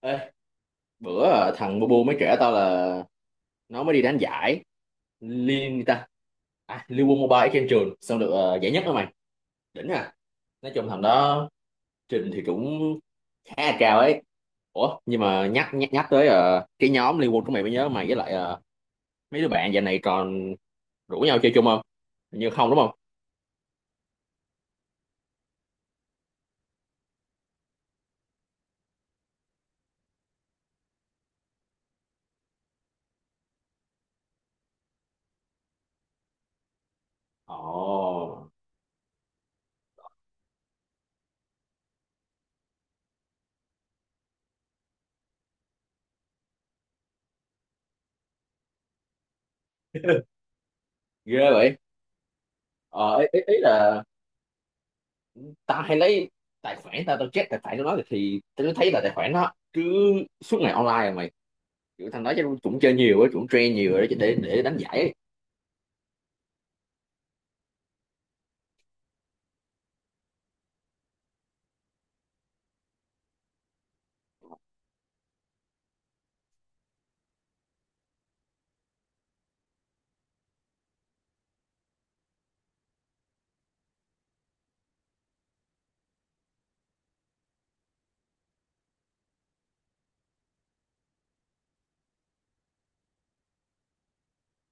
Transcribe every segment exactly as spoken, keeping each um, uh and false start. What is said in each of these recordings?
Ê, bữa ờ, thằng Bubu mới kể tao là nó mới đi đánh giải liên gì ta, à, Liên quân Mobile trên trường xong được ờ, giải nhất đó mày. Đỉnh à. Nói chung thằng đó trình thì cũng khá là cao ấy. Ủa nhưng mà nhắc nhắc, nhắc tới ờ, cái nhóm Liên quân của mày mới nhớ, mày với lại ờ, mấy đứa bạn giờ này còn rủ nhau chơi chung không? Hình như không đúng không? Ồ. Ghê vậy. Ờ, ý, ý, ý là tao hay lấy tài khoản, tao tao check tài khoản của nó thì tao thấy là tài khoản nó cứ suốt ngày online mà. Kiểu thằng đó chắc cũng chơi nhiều á, cũng train nhiều rồi đó, để để đánh giải ấy.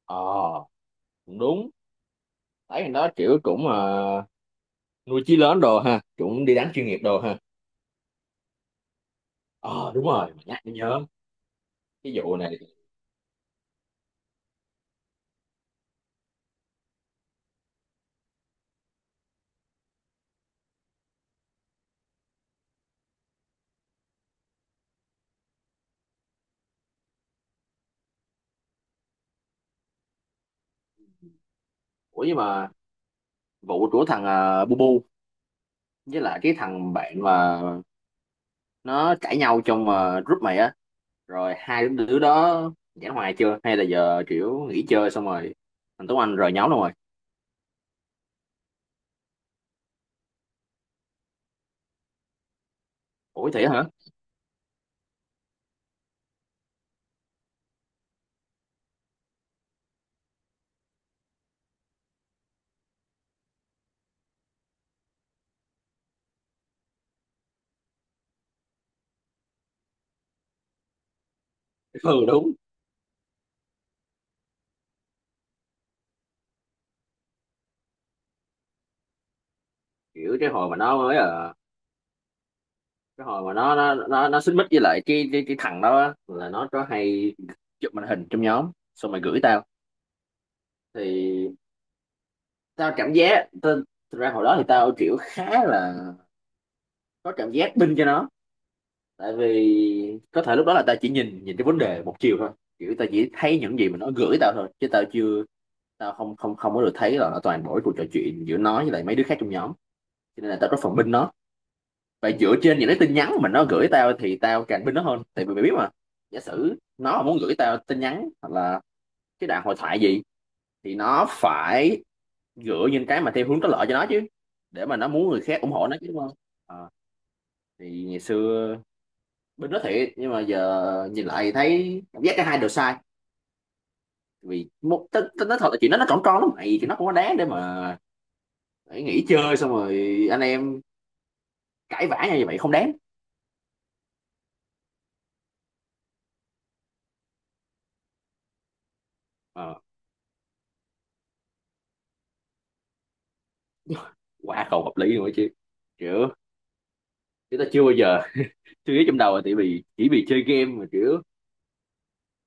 Ờ, cũng đúng. Thấy thằng đó kiểu cũng ờ, nuôi chí lớn đồ ha, cũng đi đánh chuyên nghiệp đồ ha. Ờ, đúng rồi, mà nhắc mới nhớ cái vụ này. Ủa nhưng mà vụ của thằng ờ, Bu Bu với lại cái thằng bạn mà nó cãi nhau trong ờ, group mày á, rồi hai đứa đó giải hòa chưa hay là giờ kiểu nghỉ chơi xong rồi thằng Tuấn Anh rời nhóm luôn rồi? Ủa thế hả? Ừ đúng. Kiểu cái hồi mà nó mới ờ, cái hồi mà nó nó nó nó xích mích với lại cái cái, cái thằng đó á, là nó có hay chụp màn hình trong nhóm xong rồi gửi tao. Thì tao cảm giác tao, thật ra hồi đó thì tao kiểu khá là có cảm giác binh cho nó, tại vì có thể lúc đó là tao chỉ nhìn nhìn cái vấn đề một chiều thôi. Kiểu tao chỉ thấy những gì mà nó gửi tao thôi, chứ tao chưa tao không không không có được thấy là toàn bộ cái cuộc trò chuyện giữa nó với lại mấy đứa khác trong nhóm, cho nên là tao có phần binh nó. Vậy dựa trên những cái tin nhắn mà nó gửi tao thì tao càng tin nó hơn. Tại vì mày biết mà, giả sử nó mà muốn gửi tao tin nhắn hoặc là cái đoạn hội thoại gì thì nó phải gửi những cái mà theo hướng có lợi cho nó chứ. Để mà nó muốn người khác ủng hộ nó chứ đúng không? Ờ, thì ngày xưa bên đó thiệt, nhưng mà giờ nhìn lại thì thấy cảm giác cả hai đều sai. Vì một t- t- nói thật là chuyện đó nó còn con lắm mày, thì nó không có đáng để mà phải nghỉ chơi xong rồi anh em cãi vã nhau như vậy, không đáng. Ờ, quá không hợp lý luôn ấy chứ. Kiểu chúng ta chưa bao giờ suy nghĩ trong đầu là tại vì chỉ vì chơi game mà kiểu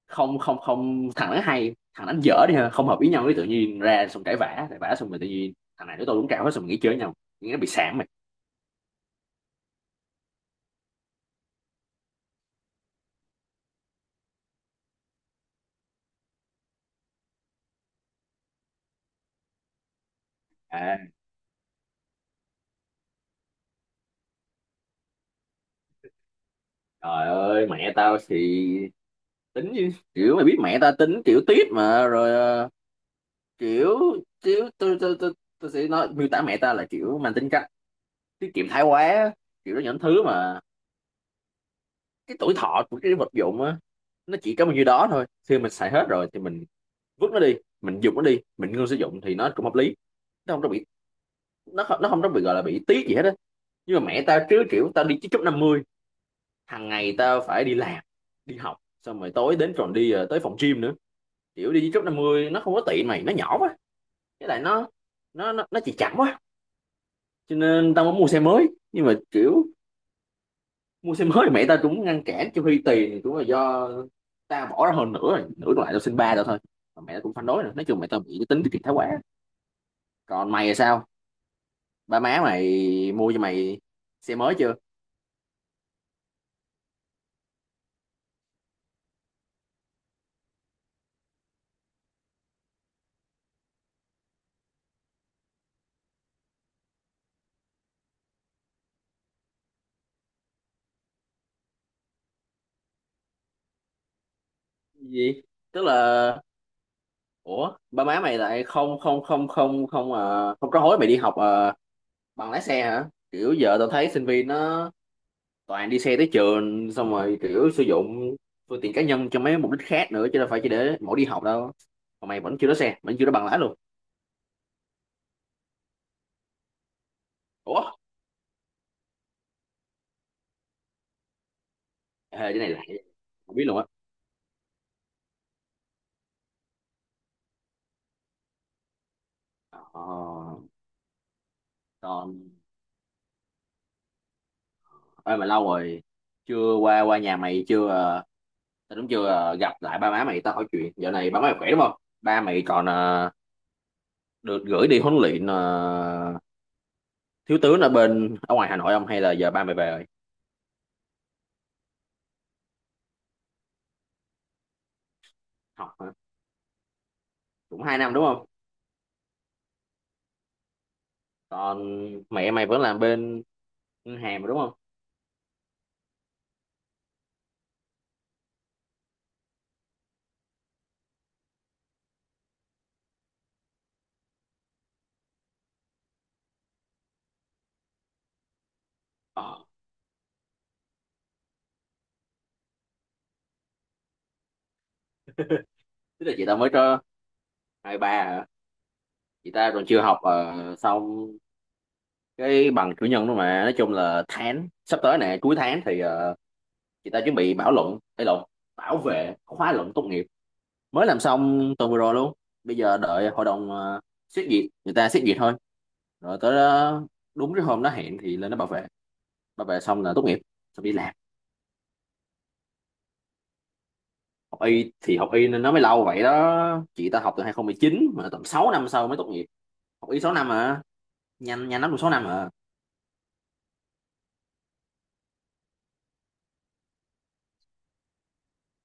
không không không, thằng đánh hay thằng đánh dở đi ha, không hợp ý nhau cái tự nhiên ra xong cãi vã cãi vã, xong rồi tự nhiên thằng này nói tôi đúng cao hết, xong mình nghĩ chơi với nhau, nghĩ nó bị sảng mày. À, trời ơi, mẹ tao thì tính chứ. Kiểu mày biết mẹ tao tính kiểu tiết mà rồi, ờ, kiểu kiểu tôi tôi tôi tôi sẽ nói miêu tả mẹ tao là kiểu mang tính cách tiết kiệm thái quá. Kiểu đó, những thứ mà cái tuổi thọ của cái vật dụng á nó chỉ có bao nhiêu đó thôi, khi mình xài hết rồi thì mình vứt nó đi, mình dùng nó đi mình ngưng sử dụng thì nó cũng hợp lý. Nó không có bị nó không, nó không có bị gọi là bị tiếc gì hết á. Nhưng mà mẹ tao chứ, kiểu tao đi chích chút năm mươi, hàng ngày tao phải đi làm, đi học xong rồi tối đến còn đi ờ, tới phòng gym nữa. Kiểu đi chích chút năm mươi nó không có tiện mày, nó nhỏ quá, với lại nó nó nó, nó chỉ chậm quá, cho nên tao muốn mua xe mới. Nhưng mà kiểu mua xe mới thì mẹ tao cũng ngăn cản, cho Huy tiền cũng là do tao bỏ ra hơn, nữa rồi nửa còn lại tao xin ba tao thôi, mà mẹ tao cũng phản đối nữa. Nói chung mẹ tao bị cái tính tiết kiệm thái quá. Còn mày là sao, ba má mày mua cho mày xe mới chưa? Gì? Tức là ủa ba má mày lại không không không không không ờ, không có hối mày đi học ờ, bằng lái xe hả? Kiểu giờ tao thấy sinh viên nó toàn đi xe tới trường xong rồi kiểu sử dụng phương tiện cá nhân cho mấy mục đích khác nữa chứ đâu phải chỉ để mỗi đi học đâu, mà mày vẫn chưa có xe, vẫn chưa có bằng lái luôn? Ủa? Ê, cái này là không biết luôn á. Ờ, còn ơi mà lâu rồi chưa qua qua nhà mày, chưa ờ, tao đúng chưa ờ, gặp lại ba má mày, tao hỏi chuyện dạo này ba má mày khỏe đúng không? Ba mày còn ờ, được gửi đi huấn luyện ờ, thiếu tướng ở bên, ở ngoài Hà Nội không, hay là giờ ba mày về rồi? Học hả? Cũng hai năm đúng không? Còn mẹ mày vẫn làm bên ngân hàng mà đúng không? ờ, Tức là chị tao mới cho hai ba hả? Chị ta còn chưa học ờ, xong cái bằng cử nhân đó mà. Nói chung là tháng sắp tới nè, cuối tháng thì ờ, chị ta chuẩn bị bảo luận hay luận, bảo vệ khóa luận tốt nghiệp. Mới làm xong tuần vừa rồi luôn. Bây giờ đợi hội đồng ờ, xét duyệt, người ta xét duyệt thôi, rồi tới đó, đúng cái hôm nó hẹn thì lên nó bảo vệ. Bảo vệ xong là tốt nghiệp, xong đi làm. Học y thì học y nên nó mới lâu vậy đó, chị ta học từ hai không một chín mà tầm sáu năm sau mới tốt nghiệp. Học y sáu năm à? Nhanh nhanh lắm cũng sáu năm à.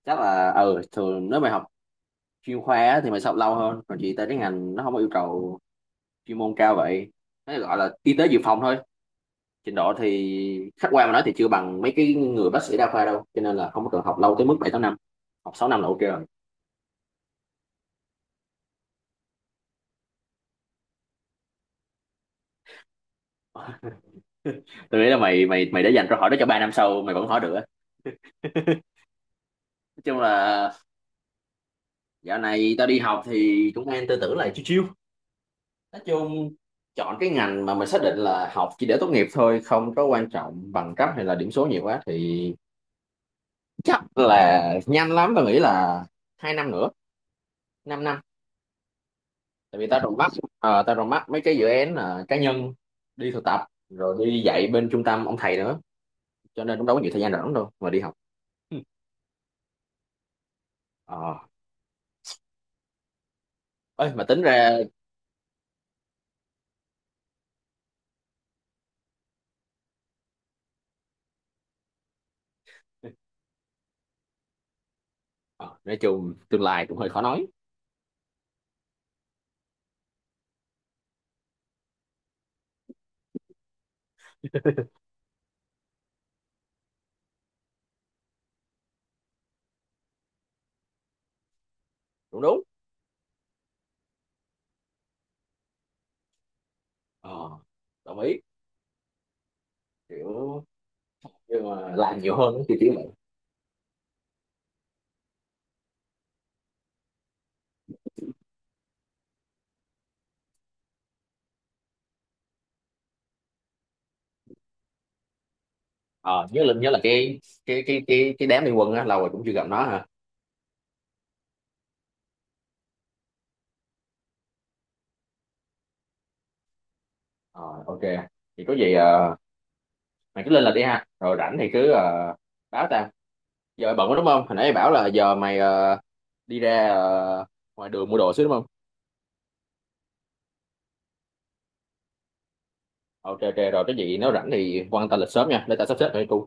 Chắc là ừ thường nếu mày học chuyên khoa á, thì mày sẽ học lâu hơn. Còn chị ta cái ngành nó không có yêu cầu chuyên môn cao vậy, nó gọi là y tế dự phòng thôi, trình độ thì khách quan mà nói thì chưa bằng mấy cái người bác sĩ đa khoa đâu, cho nên là không có cần học lâu tới mức bảy tám năm. Học sáu năm là ok rồi. Tôi nghĩ là mày mày mày đã dành câu hỏi đó cho ba năm sau mày vẫn hỏi được á. Nói chung là dạo này tao đi học thì cũng đang tư tưởng là chiêu chiêu. Nói chung chọn cái ngành mà mình xác định là học chỉ để tốt nghiệp thôi, không có quan trọng bằng cấp hay là điểm số nhiều quá thì chắc là nhanh lắm, tao nghĩ là hai năm nữa, 5 năm. Tại vì tao còn mắt ờ, tao còn mắt mấy cái dự án ờ, cá nhân, đi thực tập rồi đi dạy bên trung tâm ông thầy nữa, cho nên cũng đâu có nhiều thời gian rảnh đâu mà đi học. Ừ. Ờ, ơi mà tính ra ờ, nói chung tương lai cũng hơi khó nói. Đúng đúng. Ờ, đồng ý. Kiểu nhưng mà làm nhiều hơn thì tiếng vậy. Ờ, nhớ là nhớ là cái cái cái cái cái đám liên quân á lâu rồi cũng chưa gặp nó ha. Ờ, ok. Thì có gì ờ, mày cứ lên là đi ha, rồi rảnh thì cứ ờ, báo tao. Giờ mày bận quá đúng không? Hồi nãy mày bảo là giờ mày ờ, đi ra ờ, ngoài đường mua đồ xíu đúng không? Ok ok rồi, cái gì nếu rảnh thì quan tâm lịch sớm nha, để tao sắp xếp cho cô.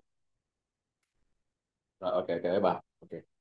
Rồi ok ok bye bye. Ok.